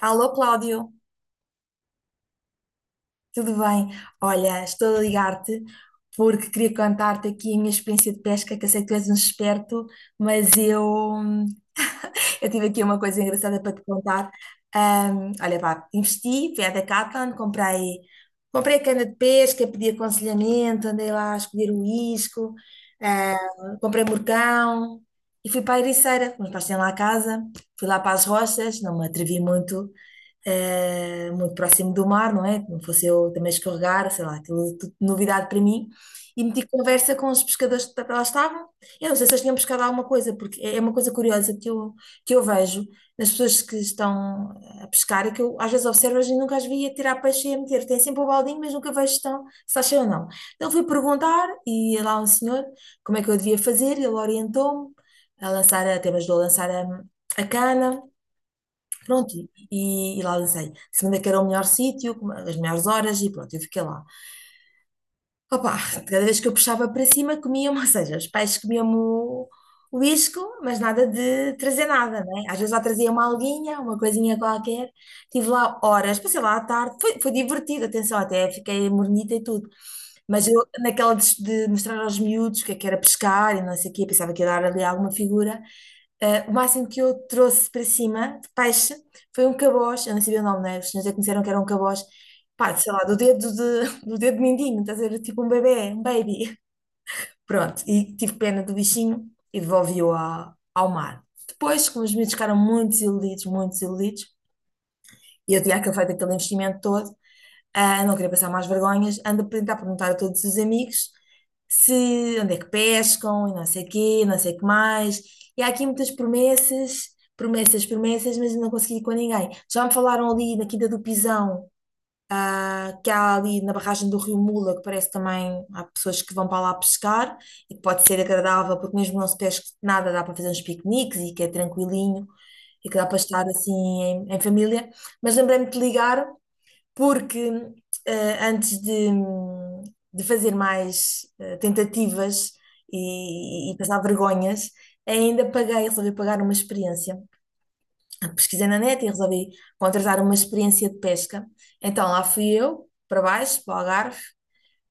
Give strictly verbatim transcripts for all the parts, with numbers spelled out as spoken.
Alô, Cláudio, tudo bem? Olha, estou a ligar-te porque queria contar-te aqui a minha experiência de pesca, que eu sei que tu és um esperto, mas eu, hum, eu tive aqui uma coisa engraçada para te contar. Ahm, olha, pá, investi, fui à Decathlon, comprei, comprei a cana de pesca, pedi aconselhamento, andei lá a escolher o isco, ah, comprei morcão e fui para a Ericeira. Meus pais têm lá a casa, fui lá para as rochas, não me atrevi muito eh, muito próximo do mar, não é? Não fosse eu também escorregar, sei lá, aquilo tudo novidade para mim. E meti conversa com os pescadores que lá estavam. Eu não sei se eles tinham pescado alguma coisa, porque é uma coisa curiosa que eu, que eu vejo nas pessoas que estão a pescar, é que eu às vezes observo e nunca as vi a tirar peixe e a meter. Tem sempre o baldinho, mas nunca vejo se estão- se está cheio ou não. Então fui perguntar e lá um senhor como é que eu devia fazer, ele orientou-me a lançar, a, até me ajudou a lançar a, a cana. Pronto, e, e lá lancei. Segunda que era o melhor sítio, com as melhores horas, e pronto, eu fiquei lá. Opa, cada vez que eu puxava para cima, comiam-me, ou seja, os pais comiam-me o, o isco, mas nada de trazer nada, né? Às vezes lá trazia uma alguinha, uma coisinha qualquer. Tive lá horas, passei lá à tarde, foi, foi divertido, atenção, até fiquei mornita e tudo. Mas eu, naquela de, de mostrar aos miúdos o que é que era pescar e não sei o quê, eu pensava que ia dar ali alguma figura. Eh, o máximo que eu trouxe para cima de peixe foi um caboz, eu não sabia o nome, né? Os senhores já conheceram que era um caboz, pá, sei lá, do dedo de, do dedo mindinho, estás a ver, tipo um bebê, um baby. Pronto, e tive pena do bichinho e devolvi-o a- ao mar. Depois, como os miúdos ficaram muito desiludidos, muito desiludidos, e eu tinha aquele- feito aquele investimento todo, ah, não queria passar mais vergonhas, ando a tentar perguntar a todos os amigos se onde é que pescam e não sei quê, não sei o que mais. E há aqui muitas promessas, promessas, promessas, mas eu não consegui ir com ninguém. Já me falaram ali na Quinta do Pisão, que há ali na barragem do Rio Mula, que parece também há pessoas que vão para lá pescar e que pode ser agradável, porque mesmo não se pesca nada, dá para fazer uns piqueniques e que é tranquilinho e que dá para estar assim em, em família. Mas lembrei-me de te ligar porque eh, antes de, de fazer mais eh, tentativas e, e passar vergonhas, ainda paguei, resolvi pagar uma experiência, pesquisei na net e resolvi contratar uma experiência de pesca. Então lá fui eu, para baixo, para o Algarve,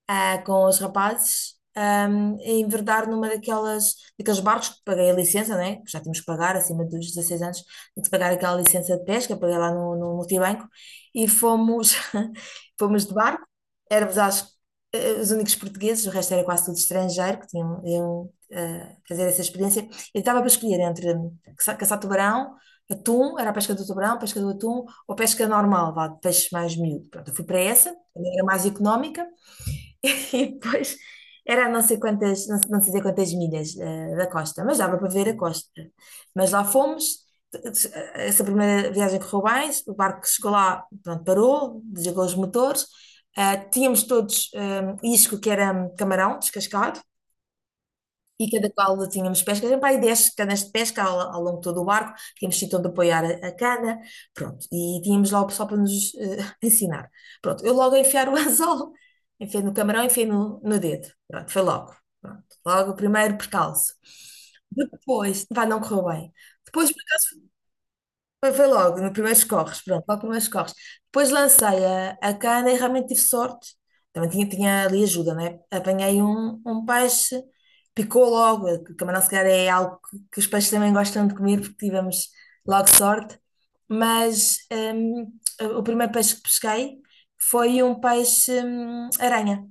ah, com os rapazes, ahm, a enverdar numa daquelas, daqueles barcos, que paguei a licença, né? Que já tínhamos que pagar acima dos dezasseis anos, tinha que pagar aquela licença de pesca, paguei lá no, no multibanco, e fomos, fomos de barco, éramos acho, que, eh, os únicos portugueses, o resto era quase tudo estrangeiro, que tinham, iam eh, fazer essa experiência, e estava para escolher entre caça- caçar tubarão, Atum, era a pesca do tubarão, pesca do atum ou pesca normal, vá, de peixe mais miúdo. Pronto, eu fui para essa, também era mais económica. E depois era não sei quantas, não sei não sei dizer quantas milhas eh, da costa, mas dava para ver a costa. Mas lá fomos, eh, essa primeira viagem correu bem, o barco chegou lá, pronto, parou, desligou os motores, eh, tínhamos todos eh, isco que era camarão descascado, e cada qual tínhamos pescas, sempre aí dez canas de pesca ao, ao longo de todo o barco, tínhamos sítio onde apoiar a, a cana, pronto, e tínhamos lá o pessoal para nos eh, ensinar. Pronto, eu logo a enfiar o anzol, enfiei no camarão, enfiei no, no dedo, pronto, foi logo, pronto, logo o primeiro percalço. Depois, vai, não correu bem. Depois foi, foi logo, no primeiro corres, pronto, logo primeiros corres. Depois lancei a, a cana e realmente tive sorte. Também tinha, tinha ali ajuda, né? Apanhei um, um peixe, picou logo, que camarão se calhar é algo que, que os peixes também gostam de comer, porque tivemos logo sorte. Mas hum, o primeiro peixe que pesquei foi um peixe hum, aranha.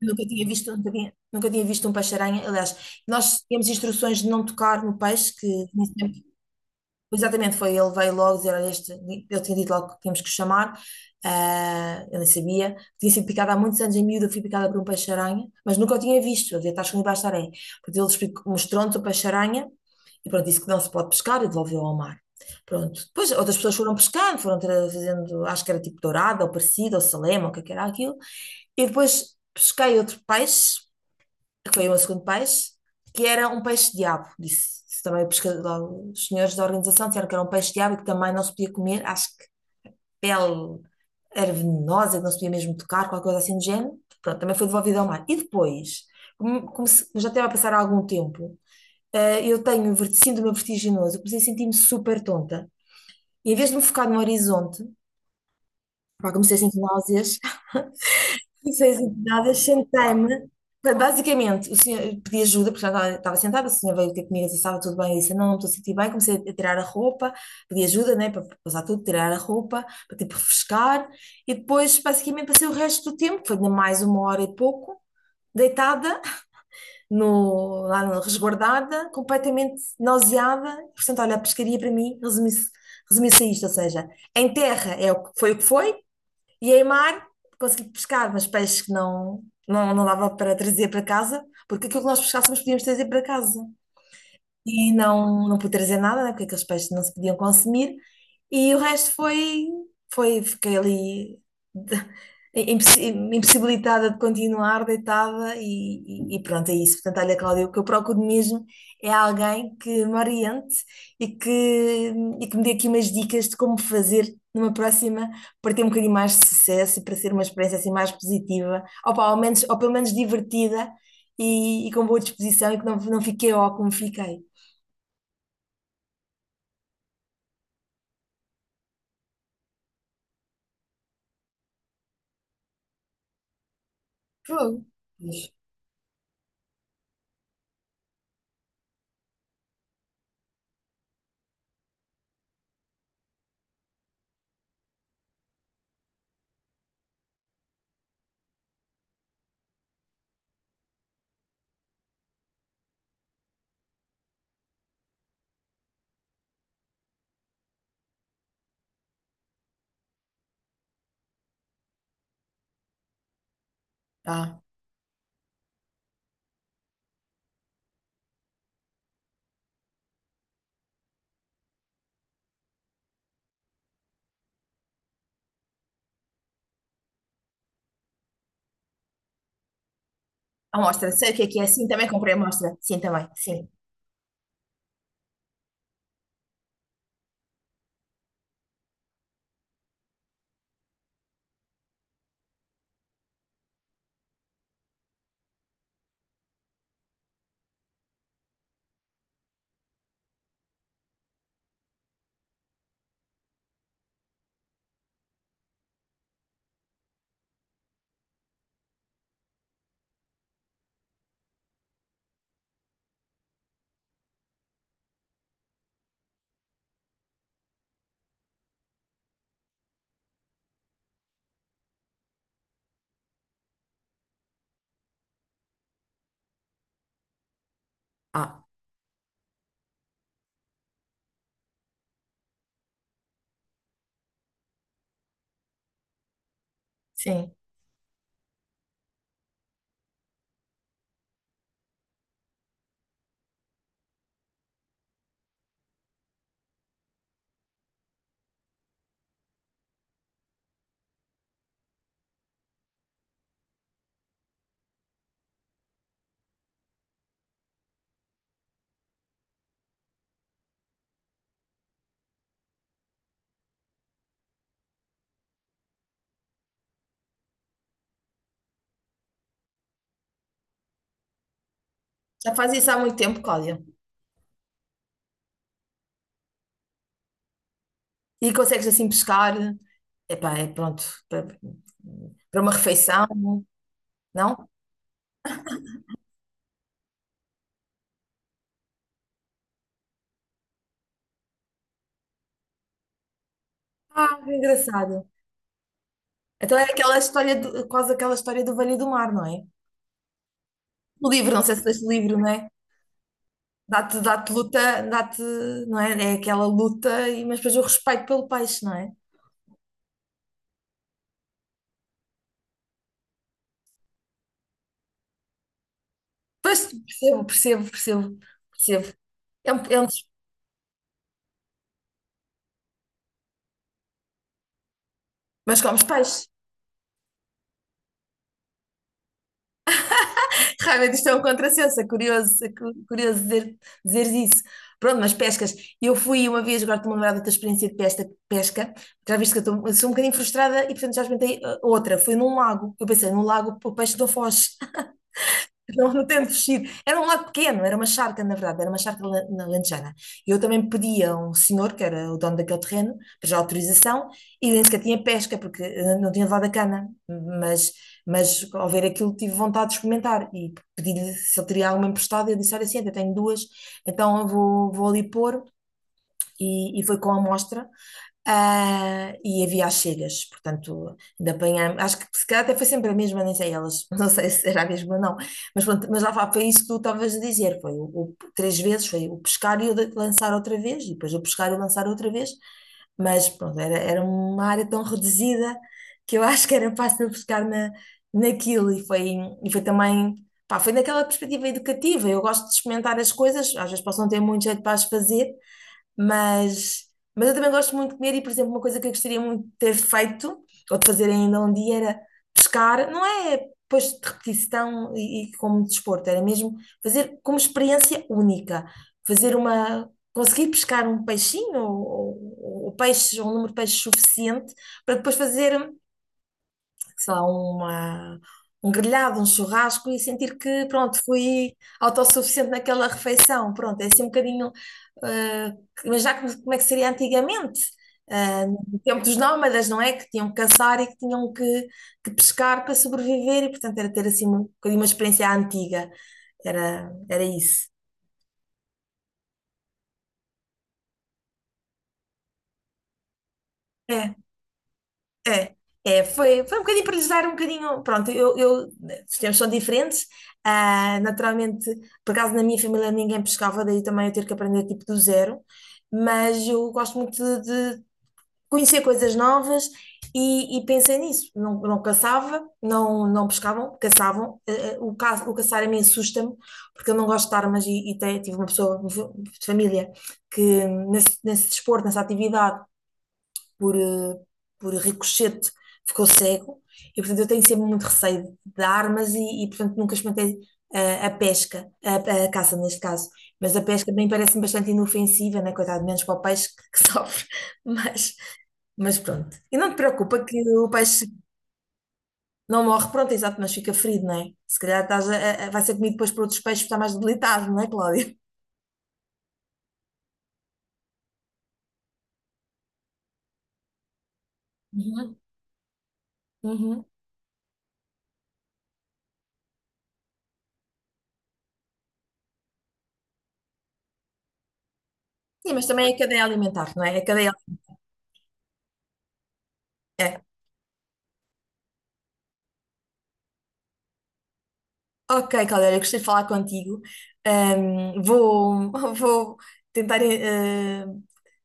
Nunca tinha visto, nunca tinha, nunca tinha visto um peixe-aranha. Aliás, nós tínhamos instruções de não tocar no peixe. Que Exatamente, foi ele veio logo dizer, olha, este, eu tinha dito logo que tínhamos que o chamar, ah, eu nem sabia, tinha sido picada há muitos anos em miúdo, eu fui picada por um peixe-aranha, mas nunca o tinha visto, eu devia estar escondido baixo da areia, porque ele explicou- mostrou-nos o peixe-aranha, e pronto, disse que não se pode pescar e devolveu ao mar. Pronto, depois outras pessoas foram pescar foram tra- fazendo, acho que era tipo dourada, ou parecida, ou salema, ou o que é que era aquilo, e depois pesquei outro peixe, que foi o meu segundo peixe, que era um peixe-diabo, disse também o pescador, os senhores da organização disseram que era um peixe-diabo e que também não se podia comer, acho que pele era venenosa, que não se podia mesmo tocar, qualquer coisa assim do género. Pronto, também foi devolvido ao mar. E depois, como, como se- já estava a passar há algum tempo, eh, eu tenho ver- síndrome vertiginoso, comecei a sentir-me super tonta. E em vez de me focar no horizonte, pá, comecei a sentir náuseas, pessoas envenenadas, sentei-me. Basicamente, o senhor pedi ajuda, porque já estava, estava sentada, o senhor veio ter comigo e disse, estava tudo bem, eu disse, não, não estou a sentir bem, comecei a tirar a roupa, pedi ajuda, né, para passar tudo, tirar a roupa, para tipo refrescar, e depois basicamente passei o resto do tempo, que foi de mais uma hora e pouco, deitada, no, lá no- resguardada, completamente nauseada, portanto, olha, a pescaria para mim resumiu-se resumiu-se a isto, ou seja, em terra é o que foi o que foi, e em mar, consegui pescar, mas peixes que não, não, não dava para trazer para casa, porque aquilo que nós pescássemos podíamos trazer para casa, e não, não pude trazer nada, né, porque aqueles peixes não se podiam consumir, e o resto foi, foi, fiquei ali de- impossi- impossibilitada de continuar, deitada, e, e- e pronto, é isso. Portanto, olha, Cláudia, o que eu procuro mesmo é alguém que me oriente e que, e que me dê aqui umas dicas de como fazer numa próxima para ter um bocadinho mais de sucesso e para ser uma experiência assim mais positiva, ou, pá, ao menos, ou pelo menos divertida e, e com boa disposição e que não, não fiquei ó como fiquei. Fogo. Pois. Ah. Amostra. Sei o que é que é. Sim, também comprei amostra. Sim, também. Sim. Ah, sim. Já faz isso há muito tempo, Cláudia. E consegues assim pescar. Epá, é pronto. Para, para uma refeição, não? Ah, que engraçado. Então é aquela história, do, quase aquela história do Velho e do Mar, não é? O livro, não sei se leste o livro, não é? Dá-te, dá-te luta, dá-te, não é? É aquela luta, e- mas depois o respeito pelo peixe, não é? Pois, percebo, percebo, percebo, percebo. É um, é um. Mas comes peixe. Realmente isto é um contrassenso, é curioso, é cu- curioso dizer, dizeres isso. Pronto, mas pescas. Eu fui uma vez, agora estou-me a lembrar da tua experiência de pesca, pesca. Já viste que eu, estou- eu sou um bocadinho frustrada e, portanto, já experimentei eh, outra. Foi num lago. Eu pensei, num lago o peixe não foge. Não, não tendo vestido. Era um lado pequeno, era uma charca, na verdade, era uma charca la- na Lanchana. E eu também pedi a um senhor, que era o dono daquele terreno, para já autorização, e nem sequer tinha pesca, porque eh, não tinha levado a cana. Mas, mas ao ver aquilo, tive vontade de experimentar. E pedi-lhe se ele teria alguma emprestada. E ele disse: Olha, sim, eu tenho duas, então eu vou, vou ali pôr. E, e foi com a amostra. Ah, e havia as cegas, portanto, de apanhar. Acho que se calhar até foi sempre a mesma, nem sei elas, não sei se era a mesma ou não, mas pronto, mas lá fa- foi isso que tu estavas a dizer, foi o, o- três vezes, foi o pescar e o de- lançar outra vez, e depois o pescar e o lançar outra vez, mas pronto, era, era uma área tão reduzida que eu acho que era fácil pescar na, naquilo, e foi, e foi também, pá, foi naquela perspectiva educativa. Eu gosto de experimentar as coisas, às vezes posso não ter muito jeito para as fazer, mas, mas eu também gosto muito de comer. E, por exemplo, uma coisa que eu gostaria muito de ter feito, ou de fazer ainda um dia, era pescar. Não é depois de repetição e, e como desporto, era mesmo fazer como experiência única. Fazer uma. Conseguir pescar um peixinho ou, ou, ou peixes, ou um número de peixes suficiente para depois fazer, sei lá, uma, um grelhado, um churrasco, e sentir que, pronto, fui autossuficiente naquela refeição. Pronto, é assim um bocadinho. eh, mas já como, como é que seria antigamente? Eh, no tempo dos nómadas, não é? Que tinham que caçar e que tinham que, que pescar para sobreviver e, portanto, era ter assim um bocadinho uma experiência antiga. Era, era isso. É. É, é, foi, foi um bocadinho para lhes dar um bocadinho. Pronto, eu, eu, os tempos são diferentes. Ah, naturalmente, por acaso na minha família ninguém pescava, daí também eu ter que aprender tipo do zero. Mas eu gosto muito de, de conhecer coisas novas e, e pensei nisso. Não, não caçava, não, não pescavam, caçavam. Eh, eh, o, ca, o caçar a mim assusta-me, porque eu não gosto de armas e, e te- tive uma pessoa de família que nesse, nesse desporto, nessa atividade por, eh, por ricochete, ficou cego. E, portanto, eu tenho sempre muito receio de armas e, e, portanto, nunca experimentei eh, a pesca, a, a caça neste caso. Mas a pesca também parece-me bastante inofensiva, né? Coitado, menos para o peixe que, que sofre. Mas, mas pronto. E não te preocupa que o peixe não morre, pronto, exato, mas fica ferido, não é? Se calhar estás a- a- vai ser comido depois por outros peixes, está mais debilitado, não é, Cláudia? Uhum. Uhum. Sim, mas também é a cadeia alimentar, não é? A cadeia, é. Ok, Caldera, gostei de falar contigo. Ahm, vou, vou tentar eh,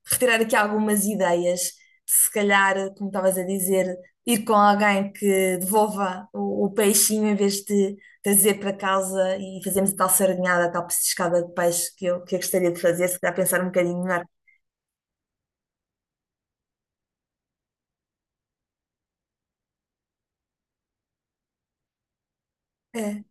retirar aqui algumas ideias. Se calhar, como estavas a dizer, ir com alguém que devolva o, o peixinho em vez de trazer para casa e fazermos a tal sardinhada, a tal petiscada de peixe que eu, que eu gostaria de fazer, se calhar pensar um bocadinho melhor.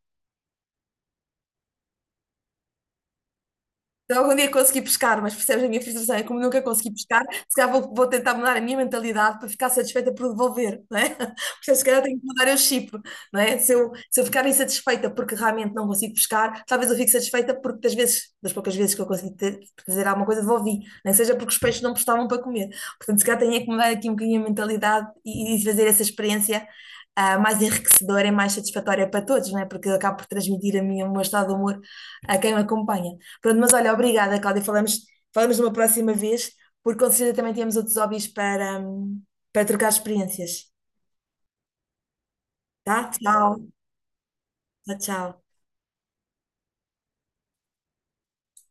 Se algum dia conseguir pescar, mas percebes a minha frustração, é como nunca consegui pescar, se calhar vou, vou tentar mudar a minha mentalidade para ficar satisfeita por devolver, não é? Porque se calhar tenho que mudar eu o chip, não é? Se eu, se eu ficar insatisfeita porque realmente não consigo pescar, talvez eu fique satisfeita porque das vezes, das poucas vezes que eu consegui ter, fazer alguma coisa, devolvi, nem seja porque os peixes não prestavam para comer. Portanto, se calhar tenho é que mudar aqui um bocadinho a mentalidade e, e fazer essa experiência ah, mais enriquecedora e mais satisfatória para todos, não é? Porque eu acabo por transmitir a minha, o meu estado de humor a quem me acompanha. Pronto, mas olha, obrigada, Cláudia. Falamos, falamos numa próxima vez, porque com certeza também temos outros hobbies para, hum, para trocar experiências. Tá? Tchau. Tchau, tchau.